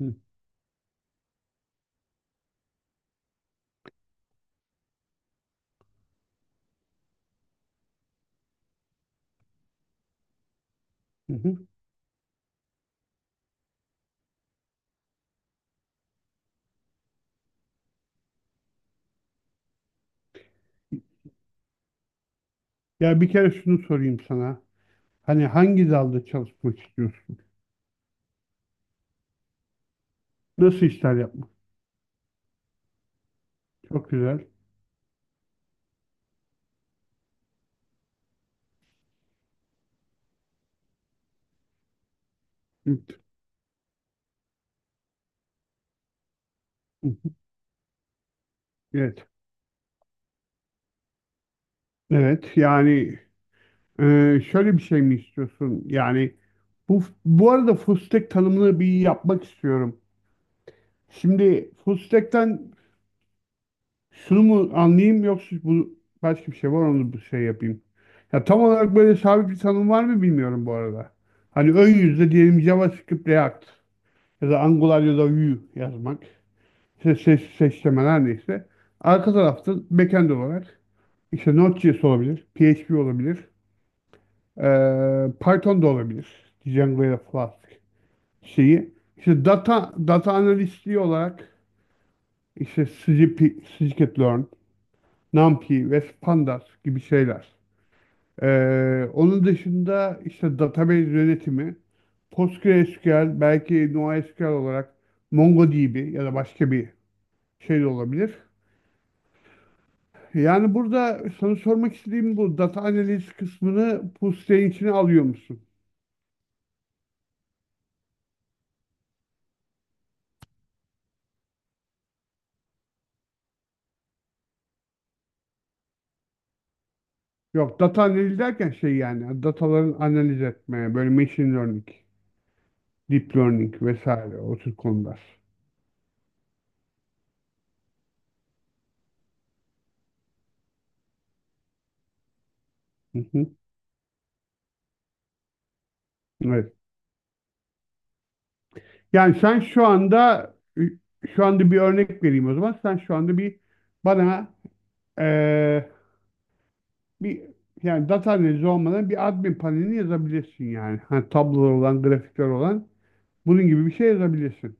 Hı hı hı. Ya bir kere şunu sorayım sana. Hani hangi dalda çalışmak istiyorsun? Nasıl işler yapmak? Çok güzel. Hı hı hı. Evet. Evet. Yani, şöyle bir şey mi istiyorsun? Yani bu arada full stack tanımını bir yapmak istiyorum. Şimdi full stack'ten şunu mu anlayayım yoksa bu başka bir şey var onu bir şey yapayım. Ya tam olarak böyle sabit bir tanım var mı bilmiyorum bu arada. Hani ön yüzde diyelim JavaScript React ya da Angular ya da Vue yazmak. İşte ses, seçmeler her neyse. Arka tarafta backend olarak işte Node.js olabilir, PHP olabilir, Python da olabilir. Django ya da Flask şeyi. İşte data analistliği olarak işte SGP, scikit-learn, NumPy ve Pandas gibi şeyler. Onun dışında işte database yönetimi, PostgreSQL, belki NoSQL olarak MongoDB ya da başka bir şey de olabilir. Yani burada sana sormak istediğim bu data analiz kısmını Pusley'in içine alıyor musun? Yok, data analiz derken şey, yani dataların analiz etmeye böyle machine learning, deep learning vesaire o tür konular. Hı hı. Evet. Yani sen şu anda, bir örnek vereyim o zaman. Sen şu anda bir bana eee, bir yani, data analizi olmadan bir admin panelini yazabilirsin yani. Hani tablolar olan, grafikler olan bunun gibi bir şey yazabilirsin.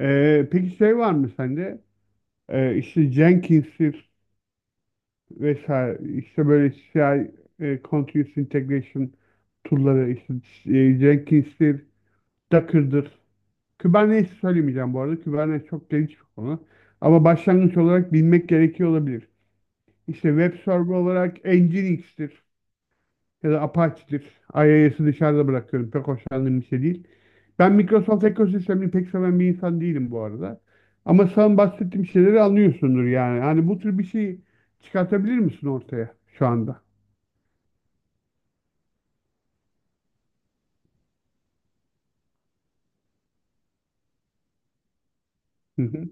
Peki şey var mı sende? İşte Jenkins'tir vesaire, işte böyle CI, Continuous Integration tool'ları, işte, Jenkins'tir, Docker'dır. Kubernetes söylemeyeceğim bu arada. Kubernetes çok geniş bir konu. Ama başlangıç olarak bilmek gerekiyor olabilir. İşte web server olarak Nginx'tir ya da Apache'dir. IIS'i dışarıda bırakıyorum. Pek hoşlandığım bir şey değil. Ben Microsoft ekosistemini pek seven bir insan değilim bu arada. Ama sen bahsettiğim şeyleri anlıyorsundur yani. Hani bu tür bir şey çıkartabilir misin ortaya şu anda? Hı hı.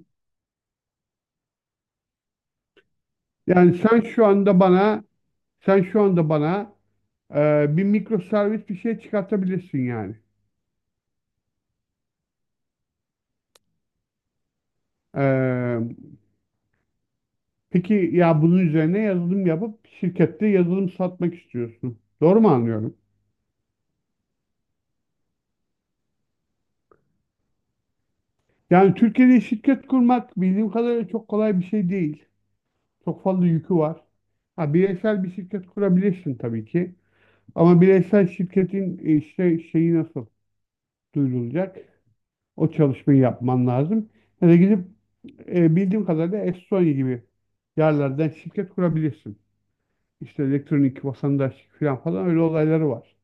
Yani sen şu anda bana bir mikroservis bir şey çıkartabilirsin yani. E, peki ya bunun üzerine yazılım yapıp şirkette yazılım satmak istiyorsun. Doğru mu anlıyorum? Yani Türkiye'de şirket kurmak bildiğim kadarıyla çok kolay bir şey değil. Çok fazla yükü var. Ha, bireysel bir şirket kurabilirsin tabii ki. Ama bireysel şirketin, işte, şeyi nasıl duyurulacak? O çalışmayı yapman lazım. Ya da gidip, bildiğim kadarıyla Estonya gibi yerlerden şirket kurabilirsin. İşte elektronik vatandaşlık falan falan, öyle olayları var.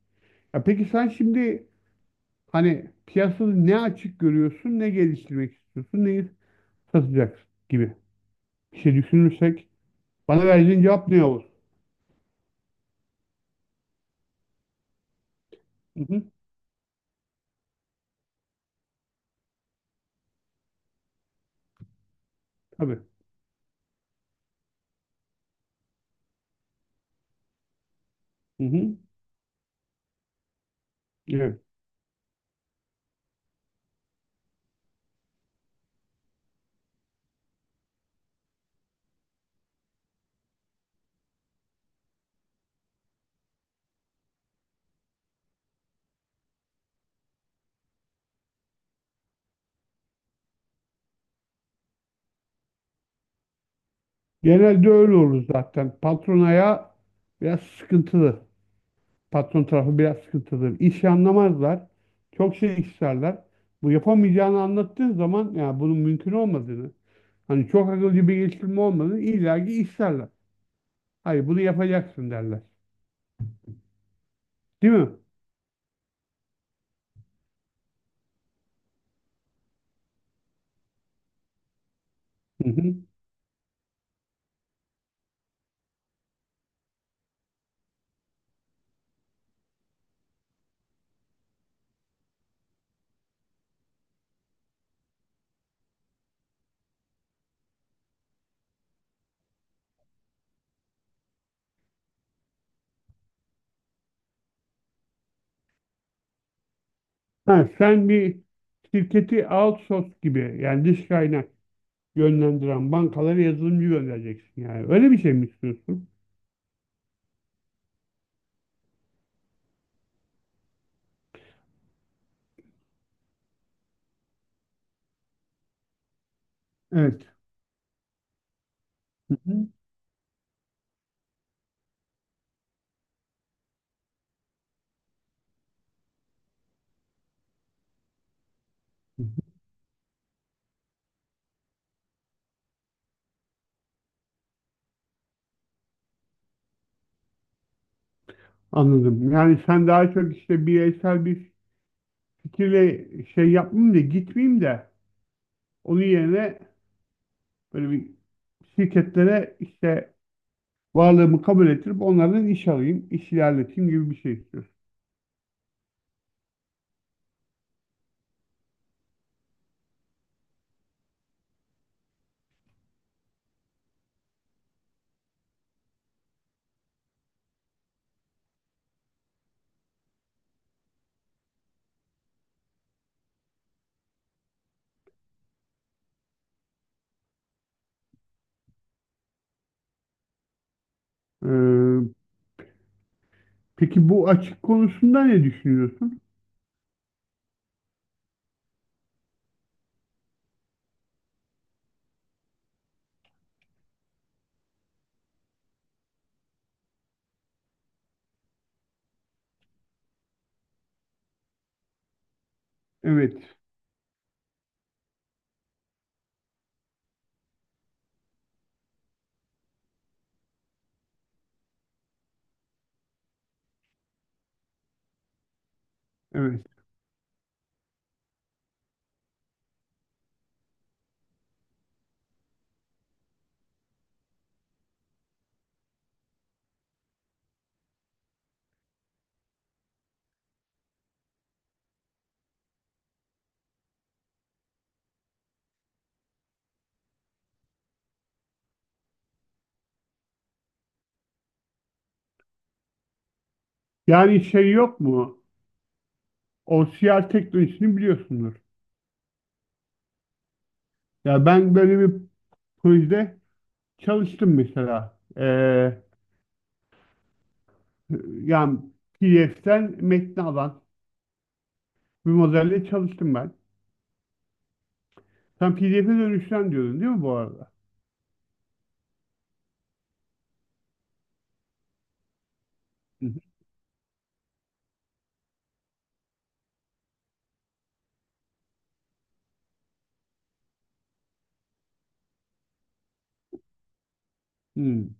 Ya peki sen şimdi, hani piyasada ne açık görüyorsun, ne geliştirmek istiyorsun, neyi satacaksın gibi. Bir şey düşünürsek bana vereceğin cevap ne olur? Hı hı, tabii. Hı hı, evet. Genelde öyle olur zaten. Patron ayağı biraz sıkıntılı. Patron tarafı biraz sıkıntılı. İşi anlamazlar. Çok şey isterler. Bu yapamayacağını anlattığın zaman ya bunun mümkün olmadığını, hani çok akılcı bir geliştirme olmadığını illaki isterler. Hayır, bunu yapacaksın derler. Değil mi? Hı hı. Ha, sen bir şirketi outsource gibi, yani dış kaynak yönlendiren bankalara yazılımcı göndereceksin yani. Öyle bir şey mi istiyorsun? Evet. Hı hı. Anladım. Yani sen daha çok işte bireysel bir fikirle şey yapmayayım da gitmeyeyim de, onun yerine böyle bir şirketlere işte varlığımı kabul ettirip onlardan iş alayım, iş ilerleteyim gibi bir şey istiyorsun. Ee, peki bu açık konusunda ne düşünüyorsun? Evet, evet. Yani şey yok mu? O OCR teknolojisini biliyorsundur. Ya ben böyle bir projede çalıştım mesela. Yani PDF'den metni alan bir modelle çalıştım ben. Sen PDF'e dönüşten diyordun değil mi bu arada? Hı hı. Hmm.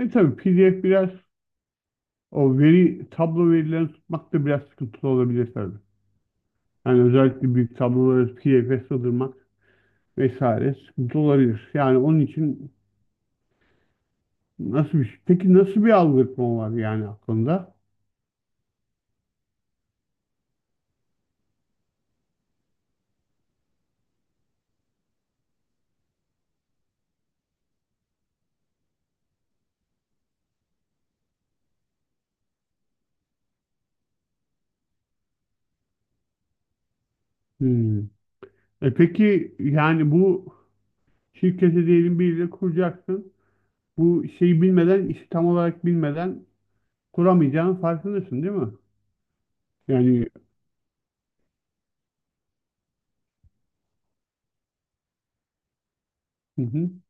Tabii PDF biraz, o veri tablo verilerini tutmak da biraz sıkıntılı olabilir tabii. Yani özellikle büyük tabloları PDF'e sığdırmak vesaire sıkıntı olabilir. Yani onun için nasıl bir şey? Peki nasıl bir algoritma var yani aklında? Hmm. Peki yani bu şirkete diyelim biriyle kuracaksın. Bu şeyi bilmeden, işi tam olarak bilmeden kuramayacağının farkındasın değil mi? Yani hı hı.